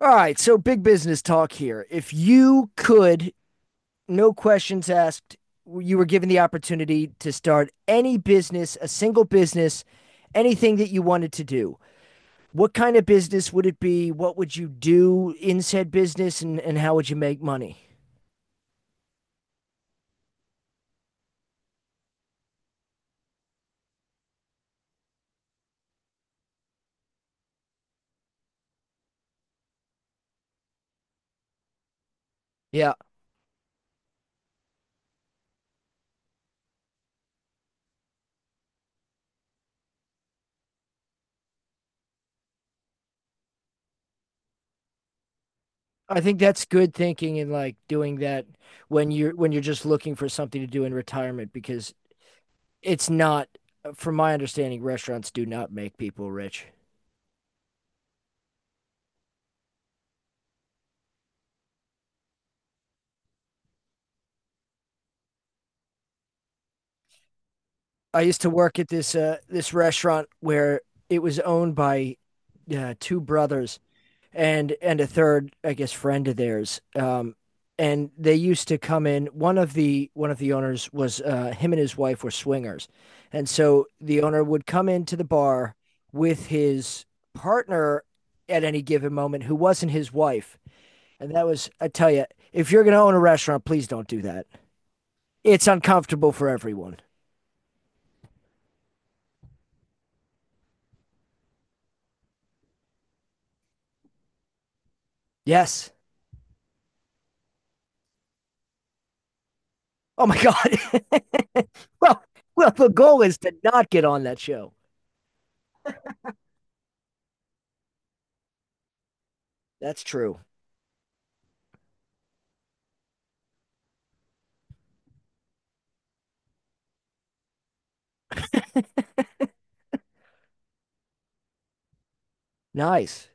All right, so big business talk here. If you could, no questions asked, you were given the opportunity to start any business, a single business, anything that you wanted to do. What kind of business would it be? What would you do in said business and how would you make money? Yeah. I think that's good thinking and like doing that when you're just looking for something to do in retirement because it's not from my understanding restaurants do not make people rich. I used to work at this restaurant where it was owned by two brothers and a third, I guess, friend of theirs. And they used to come in. One of the owners was, him and his wife were swingers, and so the owner would come into the bar with his partner at any given moment, who wasn't his wife. And that was, I tell you, if you're going to own a restaurant, please don't do that. It's uncomfortable for everyone. Yes. Oh my God. Well, the goal is to not get on that show. That's true. Nice.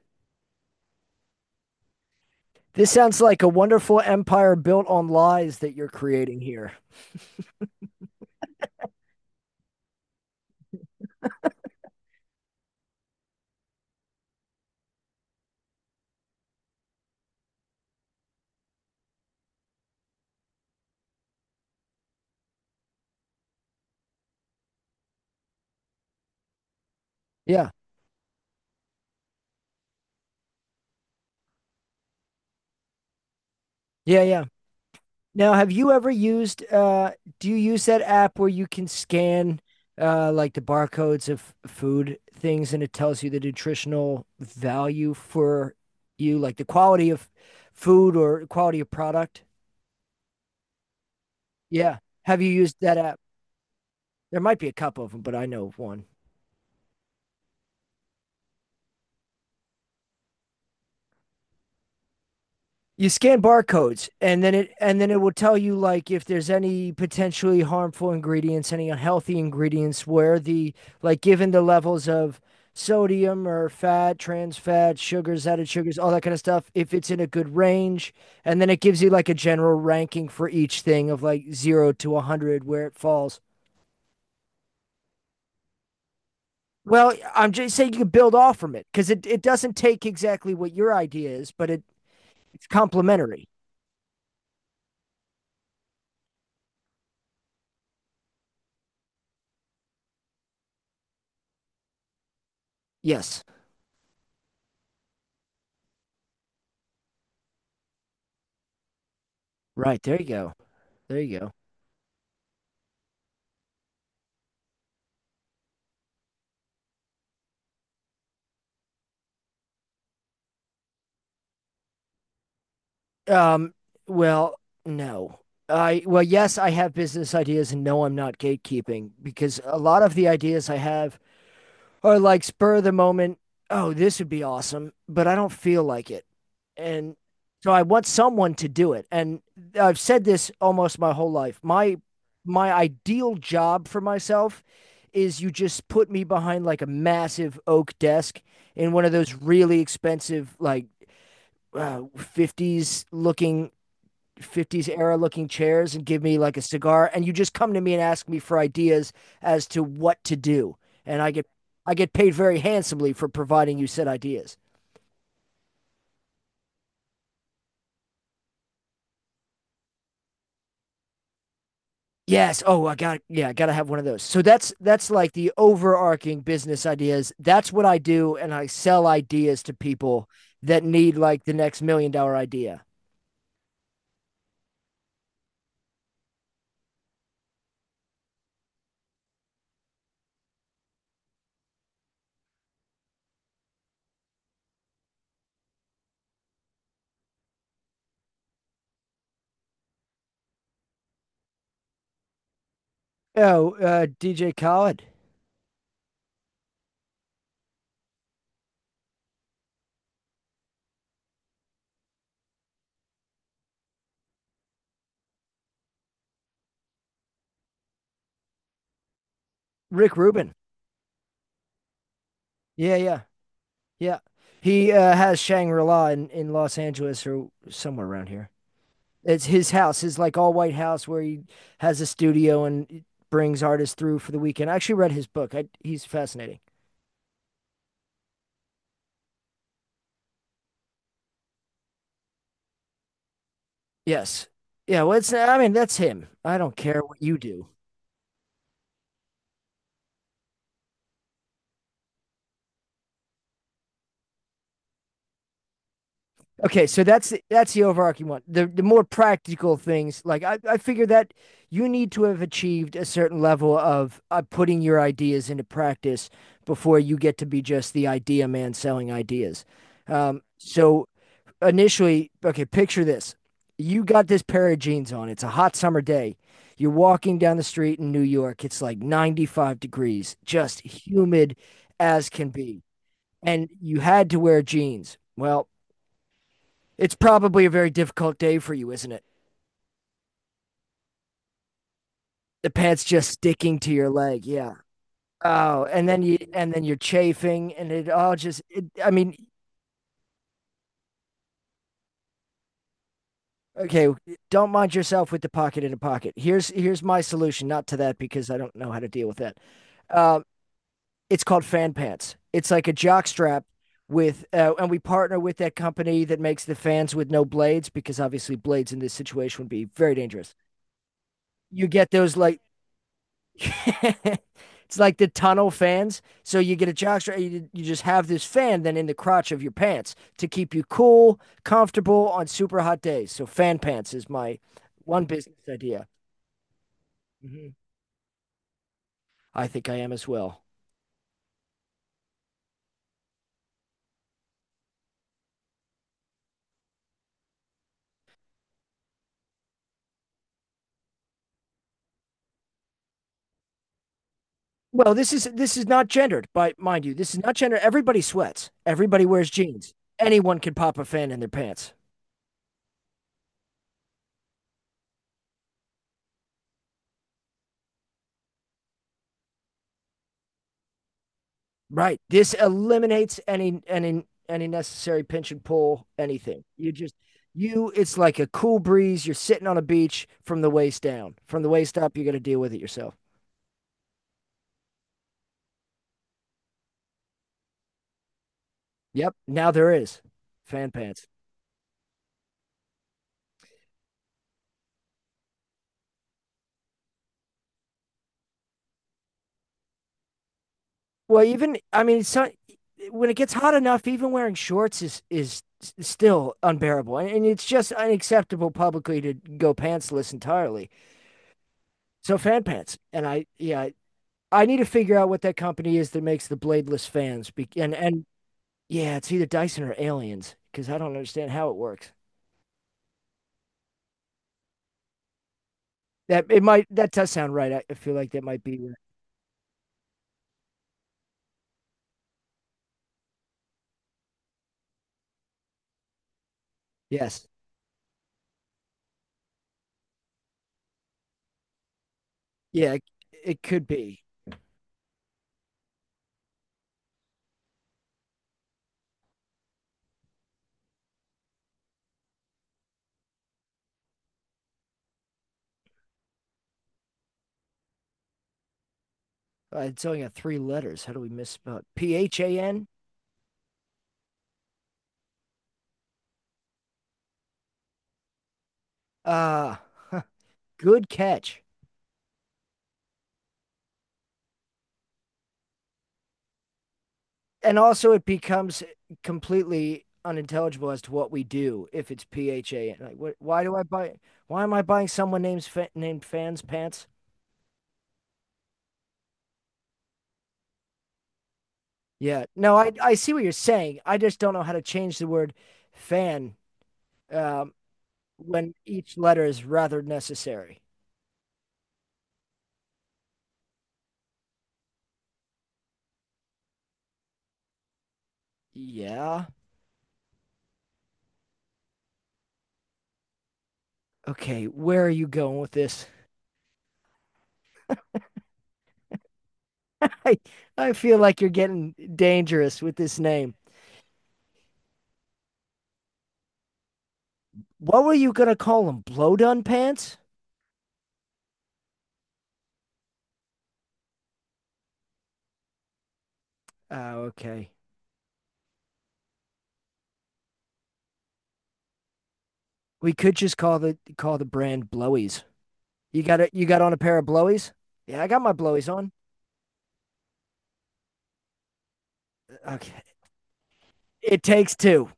This sounds like a wonderful empire built on lies that you're creating here. Yeah. Yeah, yeah. Now, have you ever used do you use that app where you can scan like the barcodes of food things and it tells you the nutritional value for you, like the quality of food or quality of product? Yeah. Have you used that app? There might be a couple of them, but I know of one. You scan barcodes and then it will tell you, like, if there's any potentially harmful ingredients, any unhealthy ingredients, where the, like, given the levels of sodium or fat, trans fat, sugars, added sugars, all that kind of stuff, if it's in a good range, and then it gives you like a general ranking for each thing of like 0 to 100 where it falls. Well, I'm just saying you can build off from it because it doesn't take exactly what your idea is, but it's complementary. Yes. Right, there you go, there you go. Um, well, no. I well, yes, I have business ideas, and no, I'm not gatekeeping because a lot of the ideas I have are like spur of the moment. Oh, this would be awesome, but I don't feel like it, and so I want someone to do it. And I've said this almost my whole life. My ideal job for myself is you just put me behind like a massive oak desk in one of those really expensive like 50s looking, 50s era looking chairs, and give me like a cigar, and you just come to me and ask me for ideas as to what to do, and I get paid very handsomely for providing you said ideas. Yes. Oh, I got, yeah, I gotta have one of those. So that's like the overarching business ideas. That's what I do, and I sell ideas to people that need like the next million dollar idea. Oh, DJ Khaled? Rick Rubin. Yeah, yeah. Yeah, he has Shangri-La in Los Angeles or somewhere around here. It's his house, his like all white house where he has a studio and brings artists through for the weekend. I actually read his book. He's fascinating. Yes. Yeah, well, it's I mean, that's him. I don't care what you do. Okay, so that's the overarching one. The more practical things, like I figure that you need to have achieved a certain level of putting your ideas into practice before you get to be just the idea man selling ideas. So initially, okay, picture this. You got this pair of jeans on. It's a hot summer day. You're walking down the street in New York. It's like 95 degrees, just humid as can be. And you had to wear jeans. Well, it's probably a very difficult day for you, isn't it? The pants just sticking to your leg. Yeah. Oh, and then you're chafing and it all just, I mean, okay, don't mind yourself with the pocket in a pocket. Here's my solution, not to that because I don't know how to deal with that. Uh It's called Fan Pants. It's like a jock strap and we partner with that company that makes the fans with no blades because obviously blades in this situation would be very dangerous. You get those like, it's like the tunnel fans. So you get a jock strap, you just have this fan then in the crotch of your pants to keep you cool, comfortable on super hot days. So Fan Pants is my one business idea. Mm-hmm. I think I am as well. Well, this is not gendered, but mind you, this is not gendered. Everybody sweats. Everybody wears jeans. Anyone can pop a fan in their pants. Right. This eliminates any necessary pinch and pull, anything. You just, you, it's like a cool breeze. You're sitting on a beach from the waist down. From the waist up, you gotta deal with it yourself. Yep. Now there is fan pants. Well, even, I mean, so when it gets hot enough, even wearing shorts is still unbearable, and it's just unacceptable publicly to go pantsless entirely. So fan pants, and I yeah, I need to figure out what that company is that makes the bladeless fans. Be and Yeah, it's either Dyson or Aliens because I don't understand how it works. That it might That does sound right. I feel like that might be right. Yes, yeah, it could be. It's only got three letters. How do we misspell it? PHAN. Ah. Good catch. And also, it becomes completely unintelligible as to what we do if it's PHA. Like, what, why do I buy? Why am I buying someone named named fans pants? Yeah, no, I see what you're saying. I just don't know how to change the word fan um, when each letter is rather necessary. Yeah. Okay, where are you going with this? I I feel like you're getting dangerous with this name. What were you gonna call him? Blowdun pants? Oh, okay. We could just call the brand Blowies. You got it. You got on a pair of Blowies. Yeah, I got my Blowies on. Okay. It takes two.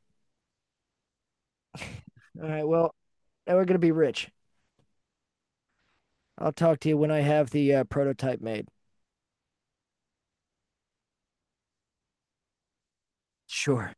All right. Well, now we're gonna be rich. I'll talk to you when I have the prototype made. Sure.